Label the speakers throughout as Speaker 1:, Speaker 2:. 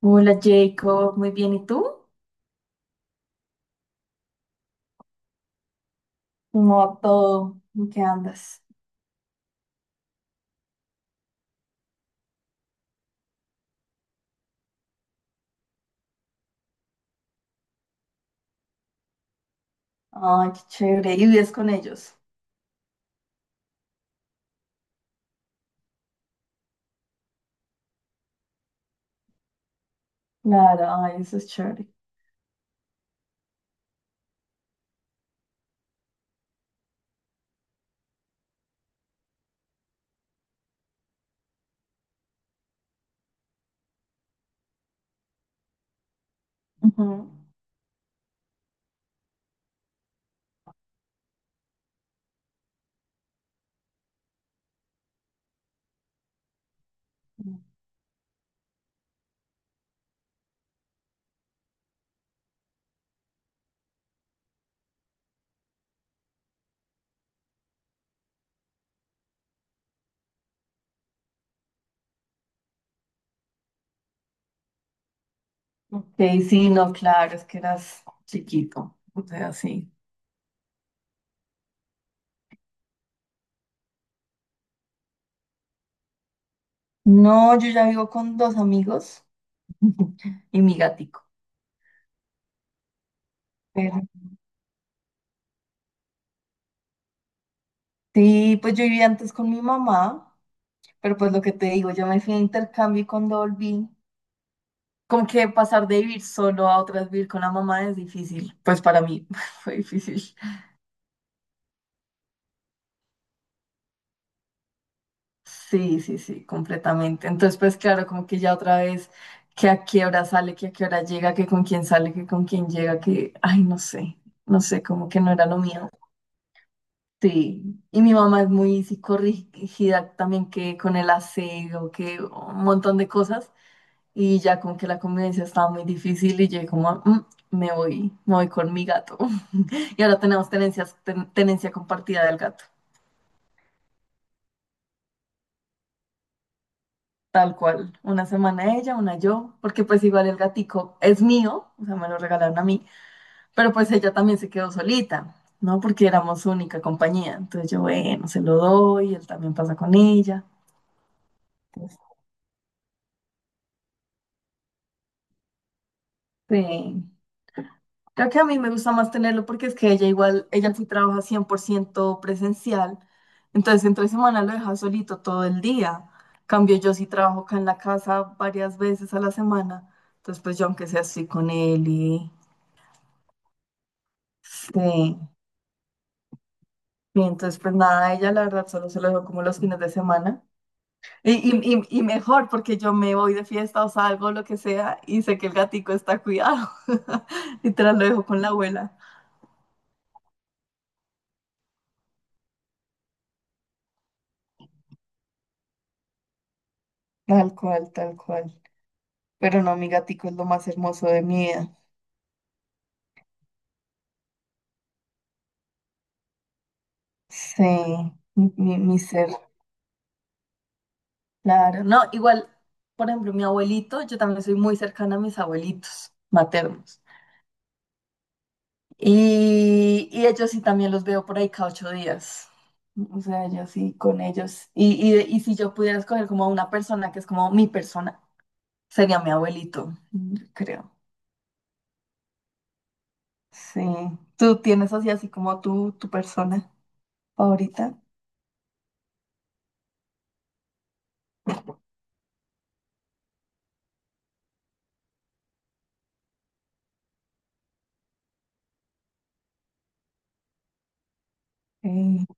Speaker 1: Hola Jacob, muy bien. ¿Y tú? ¿Cómo va todo? ¿En qué andas? Ay, qué chévere. ¿Y vives con ellos? Claro, ay, eso es chévere. Ujú. Ok, sí, no, claro, es que eras chiquito. O sea, sí. No, yo ya vivo con dos amigos y mi gatico. Pero- sí, pues yo vivía antes con mi mamá, pero pues lo que te digo, yo me fui a intercambio y cuando volví, como que pasar de vivir solo a otra vez vivir con la mamá es difícil. Pues para mí fue difícil. Sí, sí, sí, completamente. Entonces, pues claro, como que ya otra vez, que a qué hora sale, que a qué hora llega, que con quién sale, que con quién llega, que, ay, no sé, como que no era lo mío. Sí, y mi mamá es muy psicorrígida también que con el aseo, que un montón de cosas, y ya como que la convivencia estaba muy difícil y yo como, "Mm, me voy con mi gato". Y ahora tenemos tenencias, tenencia compartida del gato. Tal cual, una semana ella, una yo, porque pues igual el gatico es mío, o sea, me lo regalaron a mí, pero pues ella también se quedó solita, ¿no? Porque éramos única compañía, entonces yo, bueno, se lo doy, él también pasa con ella. Este, creo que a mí me gusta más tenerlo porque es que ella igual, ella sí trabaja 100% presencial, entonces entre semana lo deja solito todo el día. Cambio yo sí trabajo acá en la casa varias veces a la semana, entonces pues yo aunque sea estoy con él y... Sí. Y entonces, pues nada, ella la verdad solo se lo dejo como los fines de semana. Y mejor porque yo me voy de fiesta o salgo, lo que sea, y sé que el gatico está cuidado. Literal, lo dejo con la abuela. Tal cual, tal cual. Pero no, mi gatico es lo más hermoso de mi vida. Sí, mi ser. Claro, no, igual, por ejemplo, mi abuelito, yo también soy muy cercana a mis abuelitos maternos. Y ellos sí también los veo por ahí cada 8 días. O sea, yo sí con ellos. Y si yo pudiera escoger como una persona que es como mi persona, sería mi abuelito, yo creo. Sí. ¿Tú tienes así, así como tú, tu persona favorita? Sí.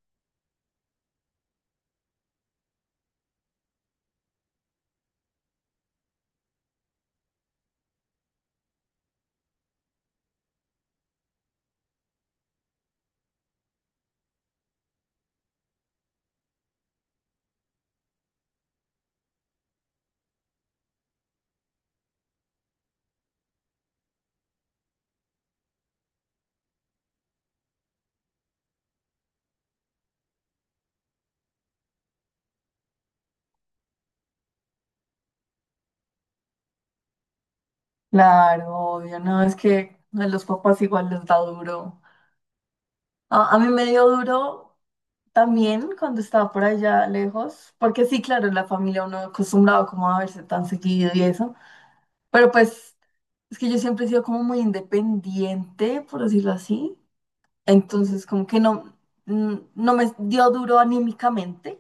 Speaker 1: Claro, obvio, no, es que a los papás igual les da duro. A mí me dio duro también cuando estaba por allá lejos, porque sí, claro, en la familia uno acostumbrado como a verse tan seguido y eso, pero pues es que yo siempre he sido como muy independiente, por decirlo así. Entonces, como que no, mm, no me dio duro anímicamente,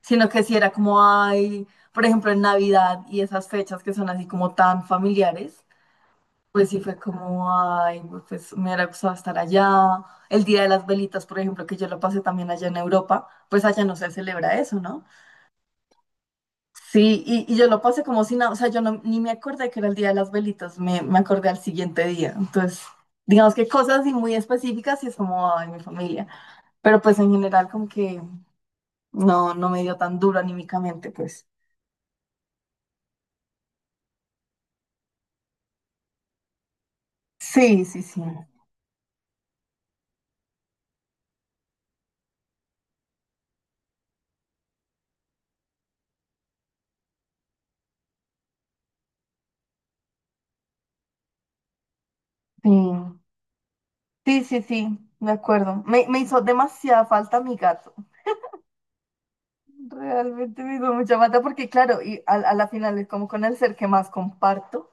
Speaker 1: sino que si era como, ay, por ejemplo, en Navidad y esas fechas que son así como tan familiares, pues sí fue como, ay, pues me hubiera gustado estar allá. El Día de las Velitas, por ejemplo, que yo lo pasé también allá en Europa, pues allá no se celebra eso, ¿no? Sí, y yo lo pasé como si nada, o sea, yo no, ni me acordé que era el Día de las Velitas, me acordé al siguiente día. Entonces, digamos que cosas así muy específicas y es como, ay, mi familia. Pero pues en general como que no, no me dio tan duro anímicamente, pues. Sí, sí, sí. Sí, sí, sí, sí, me acuerdo. Me hizo demasiada falta mi gato. Realmente me hizo mucha falta porque, claro, y a la final es como con el ser que más comparto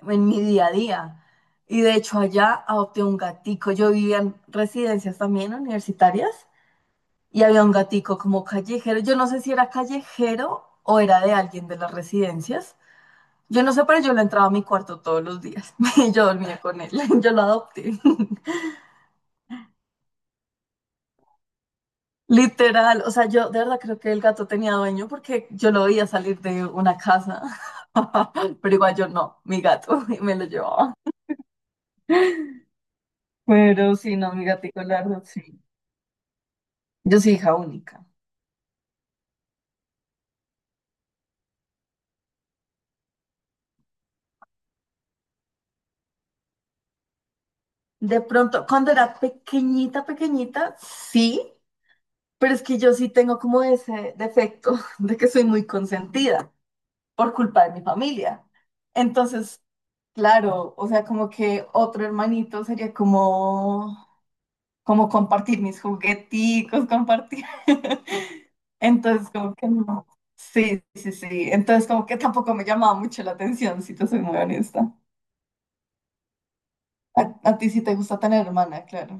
Speaker 1: en mi día a día. Y de hecho allá adopté un gatico. Yo vivía en residencias también universitarias y había un gatico como callejero. Yo no sé si era callejero o era de alguien de las residencias. Yo no sé, pero yo lo entraba a mi cuarto todos los días y yo dormía con él. Yo lo adopté. Literal. O sea, yo de verdad creo que el gato tenía dueño porque yo lo veía salir de una casa. Pero igual yo no, mi gato y me lo llevaba. Pero sí, no, mi gatico largo, sí. Yo soy hija única. De pronto, cuando era pequeñita, pequeñita, sí, pero es que yo sí tengo como ese defecto de que soy muy consentida por culpa de mi familia. Entonces, claro, o sea, como que otro hermanito sería como, como compartir mis jugueticos, compartir. Entonces, como que no. Sí, sí, sí. Entonces, como que tampoco me llamaba mucho la atención, si te soy muy honesta. A, a ti sí te gusta tener hermana, claro.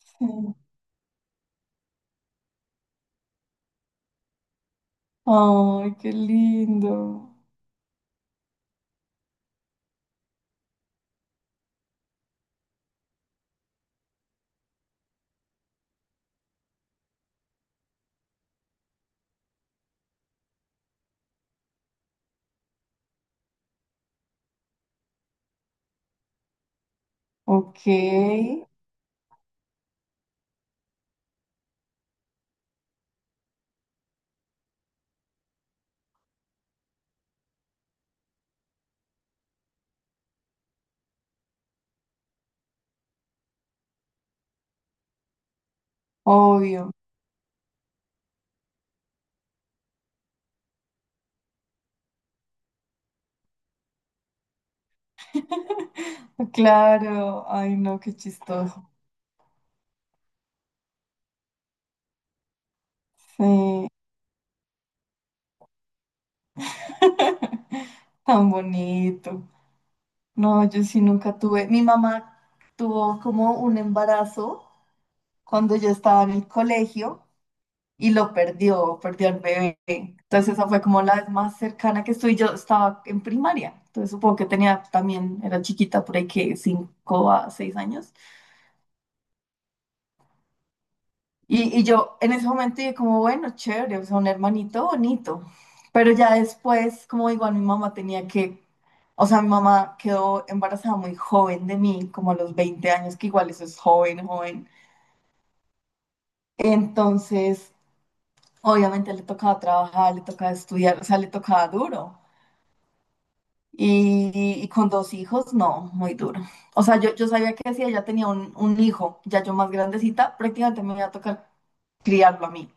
Speaker 1: Sí. Ay, qué lindo. Ok, obvio. Claro, ay no, qué chistoso. Sí, tan bonito. No, yo sí nunca tuve. Mi mamá tuvo como un embarazo cuando yo estaba en el colegio y lo perdió, perdió al bebé. Entonces esa fue como la vez más cercana que estuve. Yo estaba en primaria, entonces supongo que tenía también, era chiquita por ahí que 5 a 6 años. Y yo en ese momento dije como, bueno, chévere, o sea, un hermanito bonito. Pero ya después, como igual mi mamá tenía que, o sea, mi mamá quedó embarazada muy joven de mí, como a los 20 años, que igual eso es joven, joven. Entonces, obviamente le tocaba trabajar, le tocaba estudiar, o sea, le tocaba duro. Y, y con dos hijos, no, muy duro. O sea, yo sabía que si ella tenía un hijo, ya yo más grandecita, prácticamente me iba a tocar criarlo a mí.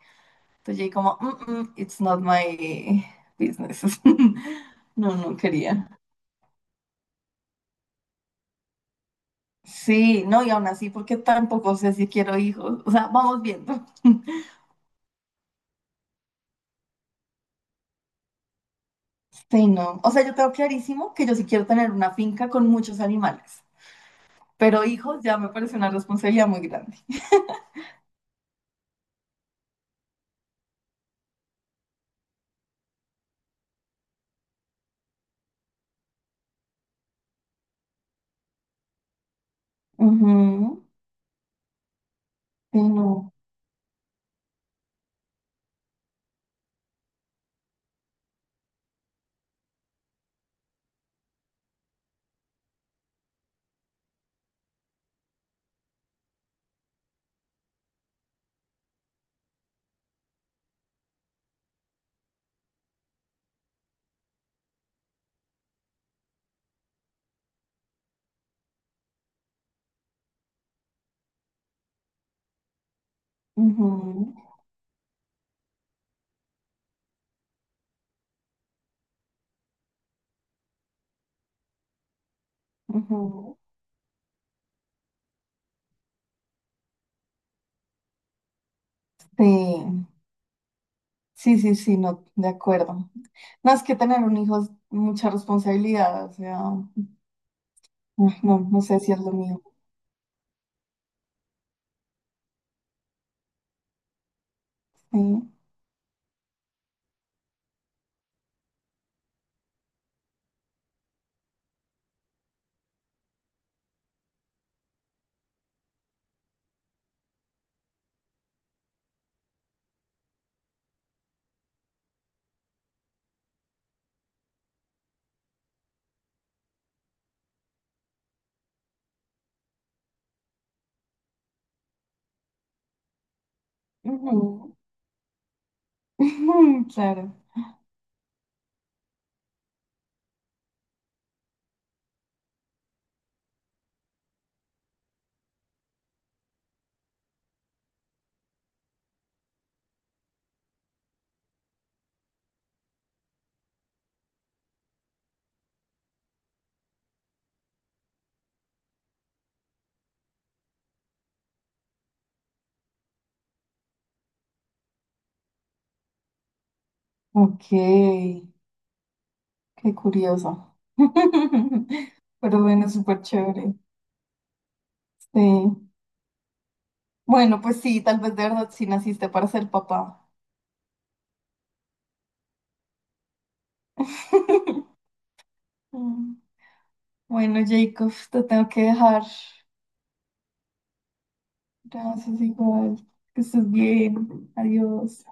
Speaker 1: Entonces yo como, "Mm, mm, it's not my business". No, no quería. Sí, no, y aún así, porque tampoco sé si quiero hijos. O sea, vamos viendo. Sí, no. O sea, yo tengo clarísimo que yo sí quiero tener una finca con muchos animales, pero hijos ya me parece una responsabilidad muy grande. Ujú. Sí, no. Ujú, ujú. Sí, sí, sí, sí, no, de acuerdo. No, es que tener un hijo es mucha responsabilidad, o sea, no, no sé si es lo mío. Sí. Ujú. Claro. Ok, qué curioso. Pero bueno, súper chévere. Sí. Bueno, pues sí, tal vez de verdad sí naciste para ser papá. Mm. Bueno, Jacob, te tengo que dejar. Gracias, igual. Que estés bien. Adiós.